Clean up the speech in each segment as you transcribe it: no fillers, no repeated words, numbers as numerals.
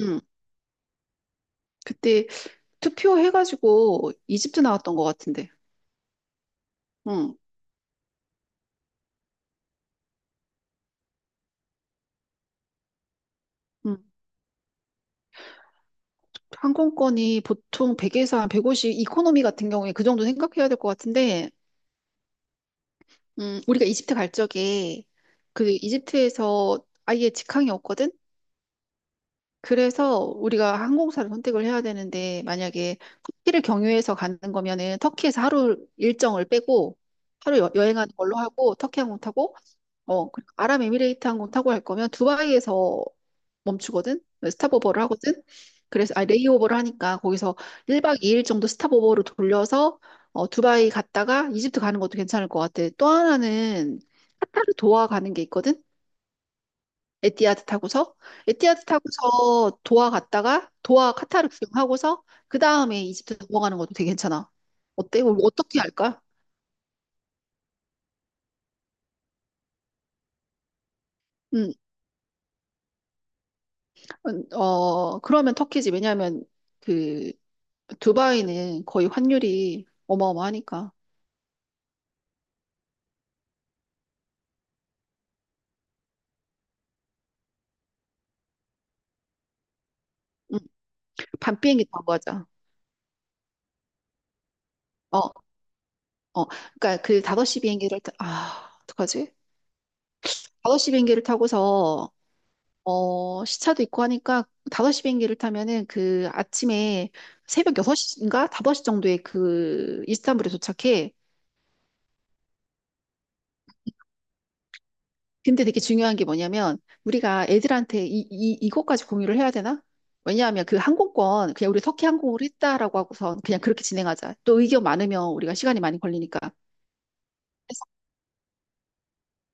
응. 그때 투표해가지고 이집트 나왔던 것 같은데. 응. 응. 항공권이 보통 100에서 한 150, 이코노미 같은 경우에 그 정도 생각해야 될 것 같은데, 우리가 이집트 갈 적에 그 이집트에서 아예 직항이 없거든? 그래서 우리가 항공사를 선택을 해야 되는데, 만약에 터키를 경유해서 가는 거면은 터키에서 하루 일정을 빼고, 하루 행하는 걸로 하고, 터키 항공 타고, 그 아랍에미레이트 항공 타고 갈 거면 두바이에서 멈추거든? 스탑오버를 하거든? 그래서, 레이오버를 하니까 거기서 1박 2일 정도 스탑오버로 돌려서 두바이 갔다가 이집트 가는 것도 괜찮을 것 같아. 또 하나는 카타르 도하 가는 게 있거든? 에티하드 타고서. 에티하드 타고서 도하 갔다가 도하 카타르 구경하고서 그 다음에 이집트 넘어가는 것도 되게 괜찮아. 어때? 우리 어떻게 할까? 음, 그러면 터키지. 왜냐하면 그 두바이는 거의 환율이 어마어마하니까. 응. 밤 비행기 타고 가자. 어, 어. 그러니까 그 5시 비행기를 타, 어떡하지? 5시 비행기를 타고서 시차도 있고 하니까 5시 비행기를 타면은 그 아침에 새벽 6시인가 5시 정도에 그 이스탄불에 도착해. 근데 되게 중요한 게 뭐냐면 우리가 애들한테 이것까지 공유를 해야 되나? 왜냐하면 그 항공권 그냥 우리 석희 항공으로 했다라고 하고선 그냥 그렇게 진행하자. 또 의견 많으면 우리가 시간이 많이 걸리니까. 서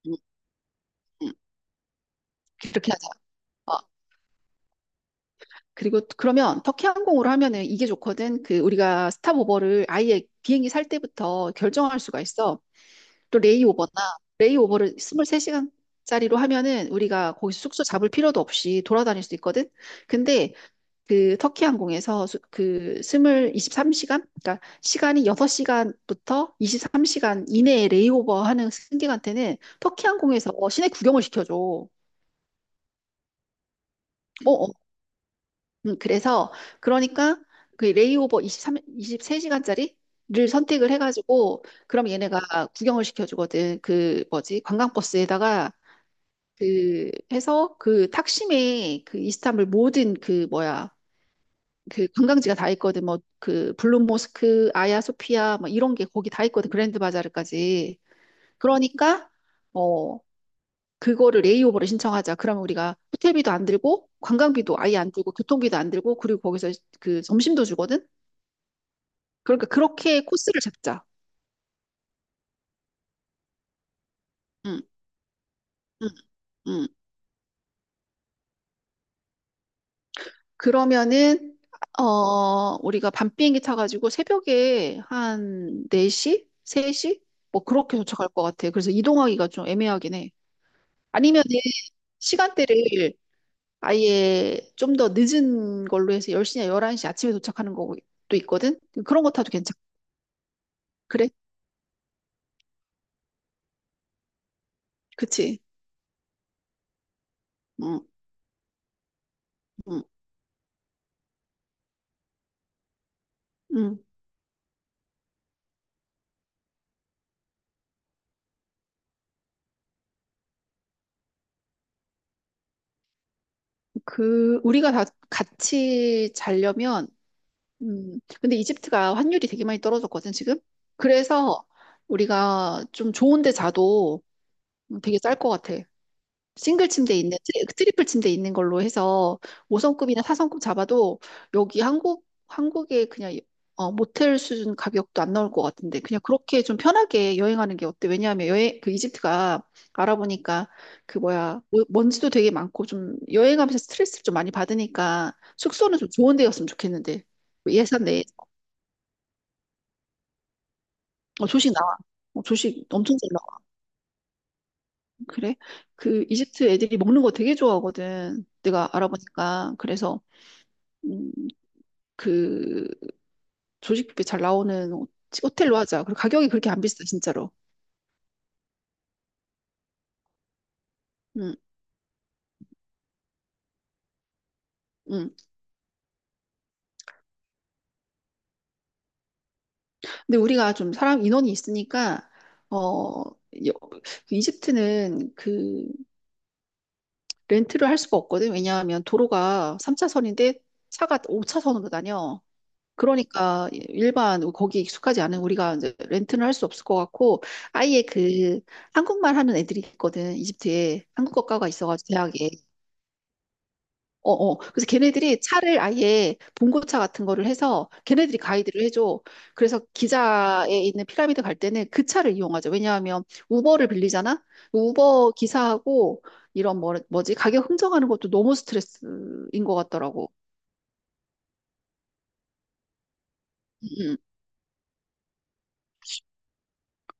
음, 음, 그렇게 하자. 어, 그리고 그러면 터키 항공으로 하면은 이게 좋거든. 그 우리가 스탑오버를 아예 비행기 살 때부터 결정할 수가 있어. 또 레이오버나 레이오버를 23시간짜리로 하면은 우리가 거기 숙소 잡을 필요도 없이 돌아다닐 수 있거든. 근데 그 터키 항공에서 스물 23시간 그러니까 시간이 6시간부터 23시간 이내에 레이오버 하는 승객한테는 터키 항공에서 시내 구경을 시켜줘. 어, 어. 그래서 그러니까 그 레이오버 23십3시간짜리를 선택을 해가지고 그럼 얘네가 구경을 시켜주거든. 그 뭐지? 관광버스에다가 그 해서 그 탁심의 그 이스탄불 모든 그 뭐야 그 관광지가 다 있거든. 뭐 그 블루 모스크, 아야 소피아 뭐 이런 게 거기 다 있거든. 그랜드 바자르까지. 그러니까 어 그거를 레이오버를 신청하자. 그러면 우리가 호텔비도 안 들고 관광비도 아예 안 들고 교통비도 안 들고 그리고 거기서 그 점심도 주거든. 그러니까 그렇게 코스를 잡자. 응, 응, 응. 그러면은 우리가 밤 비행기 타가지고 새벽에 한 4시, 3시 뭐 그렇게 도착할 것 같아. 그래서 이동하기가 좀 애매하긴 해. 아니면은 시간대를 아예 좀 더 늦은 걸로 해서 10시냐 11시 아침에 도착하는 것도 있거든? 그런 거 타도 괜찮, 그래? 그치? 응, 응, 응. 그, 우리가 다 같이 자려면, 근데 이집트가 환율이 되게 많이 떨어졌거든, 지금? 그래서 우리가 좀 좋은 데 자도 되게 쌀 것 같아. 싱글 침대 있는 트리플 침대 있는 걸로 해서 5성급이나 4성급 잡아도 여기 한국에 그냥 모텔 수준 가격도 안 나올 것 같은데 그냥 그렇게 좀 편하게 여행하는 게 어때? 왜냐하면 여행 그 이집트가 알아보니까 그 뭐야 먼지도 되게 많고 좀 여행하면서 스트레스를 좀 많이 받으니까 숙소는 좀 좋은 데였으면 좋겠는데 뭐 예산 내에. 조식 나와. 조식 엄청 잘 나와. 그래. 그 이집트 애들이 먹는 거 되게 좋아하거든 내가 알아보니까. 그래서 음, 그 조식뷔페 잘 나오는 호텔로 하자. 그리고 가격이 그렇게 안 비싸, 진짜로. 음. 음. 근데 우리가 좀 사람 인원이 있으니까 어 여- 그 이집트는 그 렌트를 할 수가 없거든. 왜냐하면 도로가 3차선인데 차가 5차선으로 다녀. 그러니까 일반 거기 익숙하지 않은 우리가 이제 렌트는 할 수 없을 것 같고 아예 그 한국말 하는 애들이 있거든. 이집트에 한국어과가 있어가지고 대학에. 어, 어. 그래서 걔네들이 차를 아예 봉고차 같은 거를 해서 걔네들이 가이드를 해줘. 그래서 기자에 있는 피라미드 갈 때는 그 차를 이용하죠. 왜냐하면 우버를 빌리잖아? 우버 기사하고 이런 뭐, 뭐지? 가격 흥정하는 것도 너무 스트레스인 것 같더라고.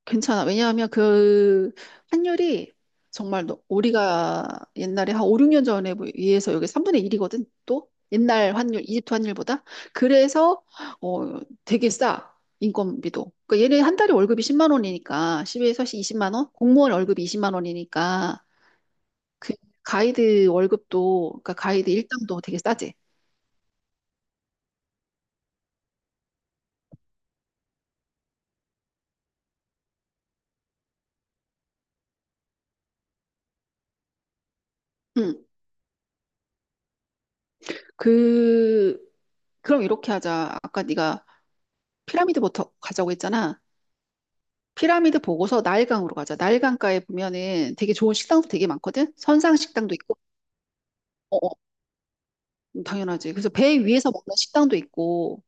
괜찮아. 왜냐하면 그 환율이 정말 우리가 옛날에 한 5, 6년 전에 비해서 여기 3분의 1이거든. 또 옛날 환율, 이집트 환율보다. 그래서 되게 싸. 인건비도. 그러니까 얘네 한 달에 월급이 10만 원이니까 10에서 20만 원? 공무원 월급이 20만 원이니까 그 가이드 월급도 그러니까 가이드 일당도 되게 싸지. 응. 그 그럼 이렇게 하자. 아까 네가 피라미드부터 가자고 했잖아. 피라미드 보고서 나일강으로 가자. 나일강가에 보면은 되게 좋은 식당도 되게 많거든? 선상 식당도 있고, 어, 어, 당연하지. 그래서 배 위에서 먹는 식당도 있고,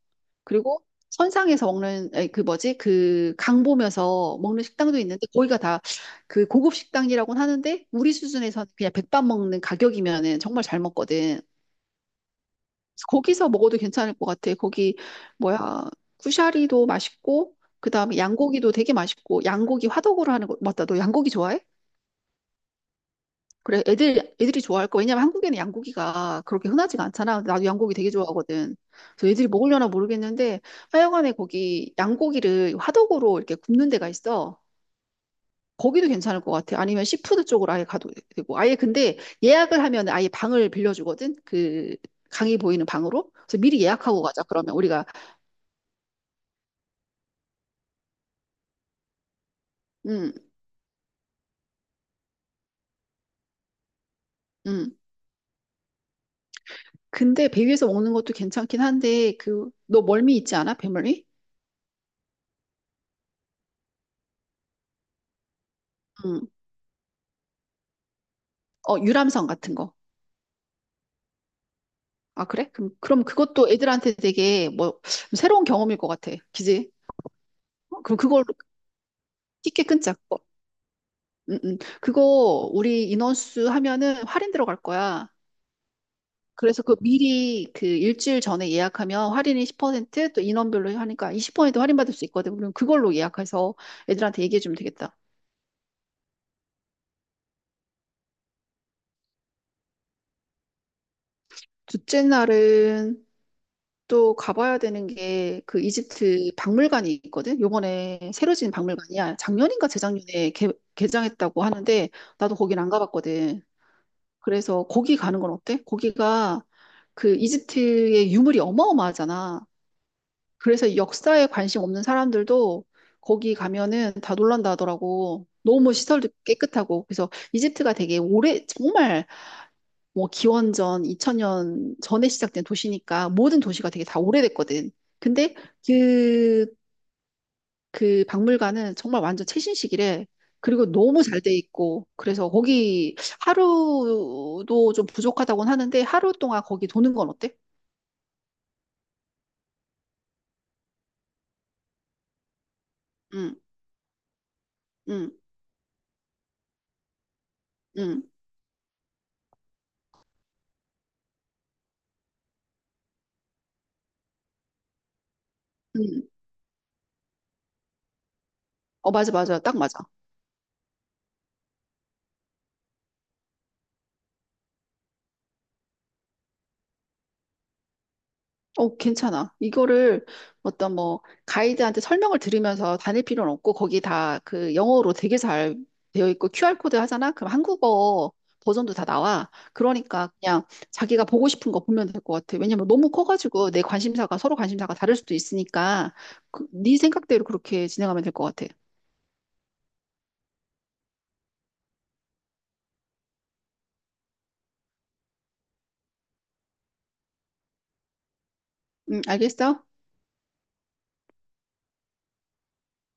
그리고 선상에서 먹는, 아니, 그 뭐지? 그 강 보면서 먹는 식당도 있는데, 거기가 다 그 고급 식당이라고는 하는데, 우리 수준에서는 그냥 백반 먹는 가격이면은 정말 잘 먹거든. 거기서 먹어도 괜찮을 것 같아. 거기, 뭐야, 쿠샤리도 맛있고, 그 다음에 양고기도 되게 맛있고, 양고기 화덕으로 하는 거, 맞다. 너 양고기 좋아해? 그래, 애들이 좋아할 거. 왜냐면 한국에는 양고기가 그렇게 흔하지가 않잖아. 나도 양고기 되게 좋아하거든. 그래서 애들이 먹으려나 모르겠는데, 하여간에 거기 양고기를 화덕으로 이렇게 굽는 데가 있어. 거기도 괜찮을 것 같아. 아니면 시푸드 쪽으로 아예 가도 되고. 아예 근데 예약을 하면 아예 방을 빌려주거든. 그 강이 보이는 방으로. 그래서 미리 예약하고 가자. 그러면 우리가, 음, 음. 근데 배 위에서 먹는 것도 괜찮긴 한데, 그, 너 멀미 있지 않아? 배멀미? 음. 어, 유람선 같은 거. 아, 그래? 그럼, 그것도 애들한테 되게 뭐 새로운 경험일 것 같아. 그지? 어, 그럼 그걸로. 티켓 끊자. 그거. 음. 음. 그거 우리 인원수 하면은 할인 들어갈 거야. 그래서 그 미리 그 일주일 전에 예약하면 할인이 10% 또 인원별로 하니까 20% 할인받을 수 있거든. 그럼 그걸로 예약해서 애들한테 얘기해 주면 되겠다. 둘째 날은 또 가봐야 되는 게 그 이집트 박물관이 있거든. 요번에 새로 지은 박물관이야. 작년인가 재작년에 개장했다고 하는데 나도 거긴 안 가봤거든. 그래서 거기 가는 건 어때? 거기가 그 이집트의 유물이 어마어마하잖아. 그래서 역사에 관심 없는 사람들도 거기 가면은 다 놀란다 하더라고. 너무 시설도 깨끗하고. 그래서 이집트가 되게 오래, 정말 뭐 기원전 2000년 전에 시작된 도시니까 모든 도시가 되게 다 오래됐거든. 근데 그, 그 박물관은 정말 완전 최신식이래. 그리고 너무 잘 돼 있고, 그래서 거기 하루도 좀 부족하다고는 하는데, 하루 동안 거기 도는 건 어때? 응, 응, 응, 응. 어, 맞아, 맞아. 딱 맞아. 어, 괜찮아. 이거를 어떤 뭐 가이드한테 설명을 들으면서 다닐 필요는 없고 거기 다 그 영어로 되게 잘 되어 있고 QR코드 하잖아? 그럼 한국어 버전도 다 나와. 그러니까 그냥 자기가 보고 싶은 거 보면 될 것 같아. 왜냐면 너무 커가지고 내 관심사가 서로 관심사가 다를 수도 있으니까 그, 네 생각대로 그렇게 진행하면 될 것 같아. 알겠어?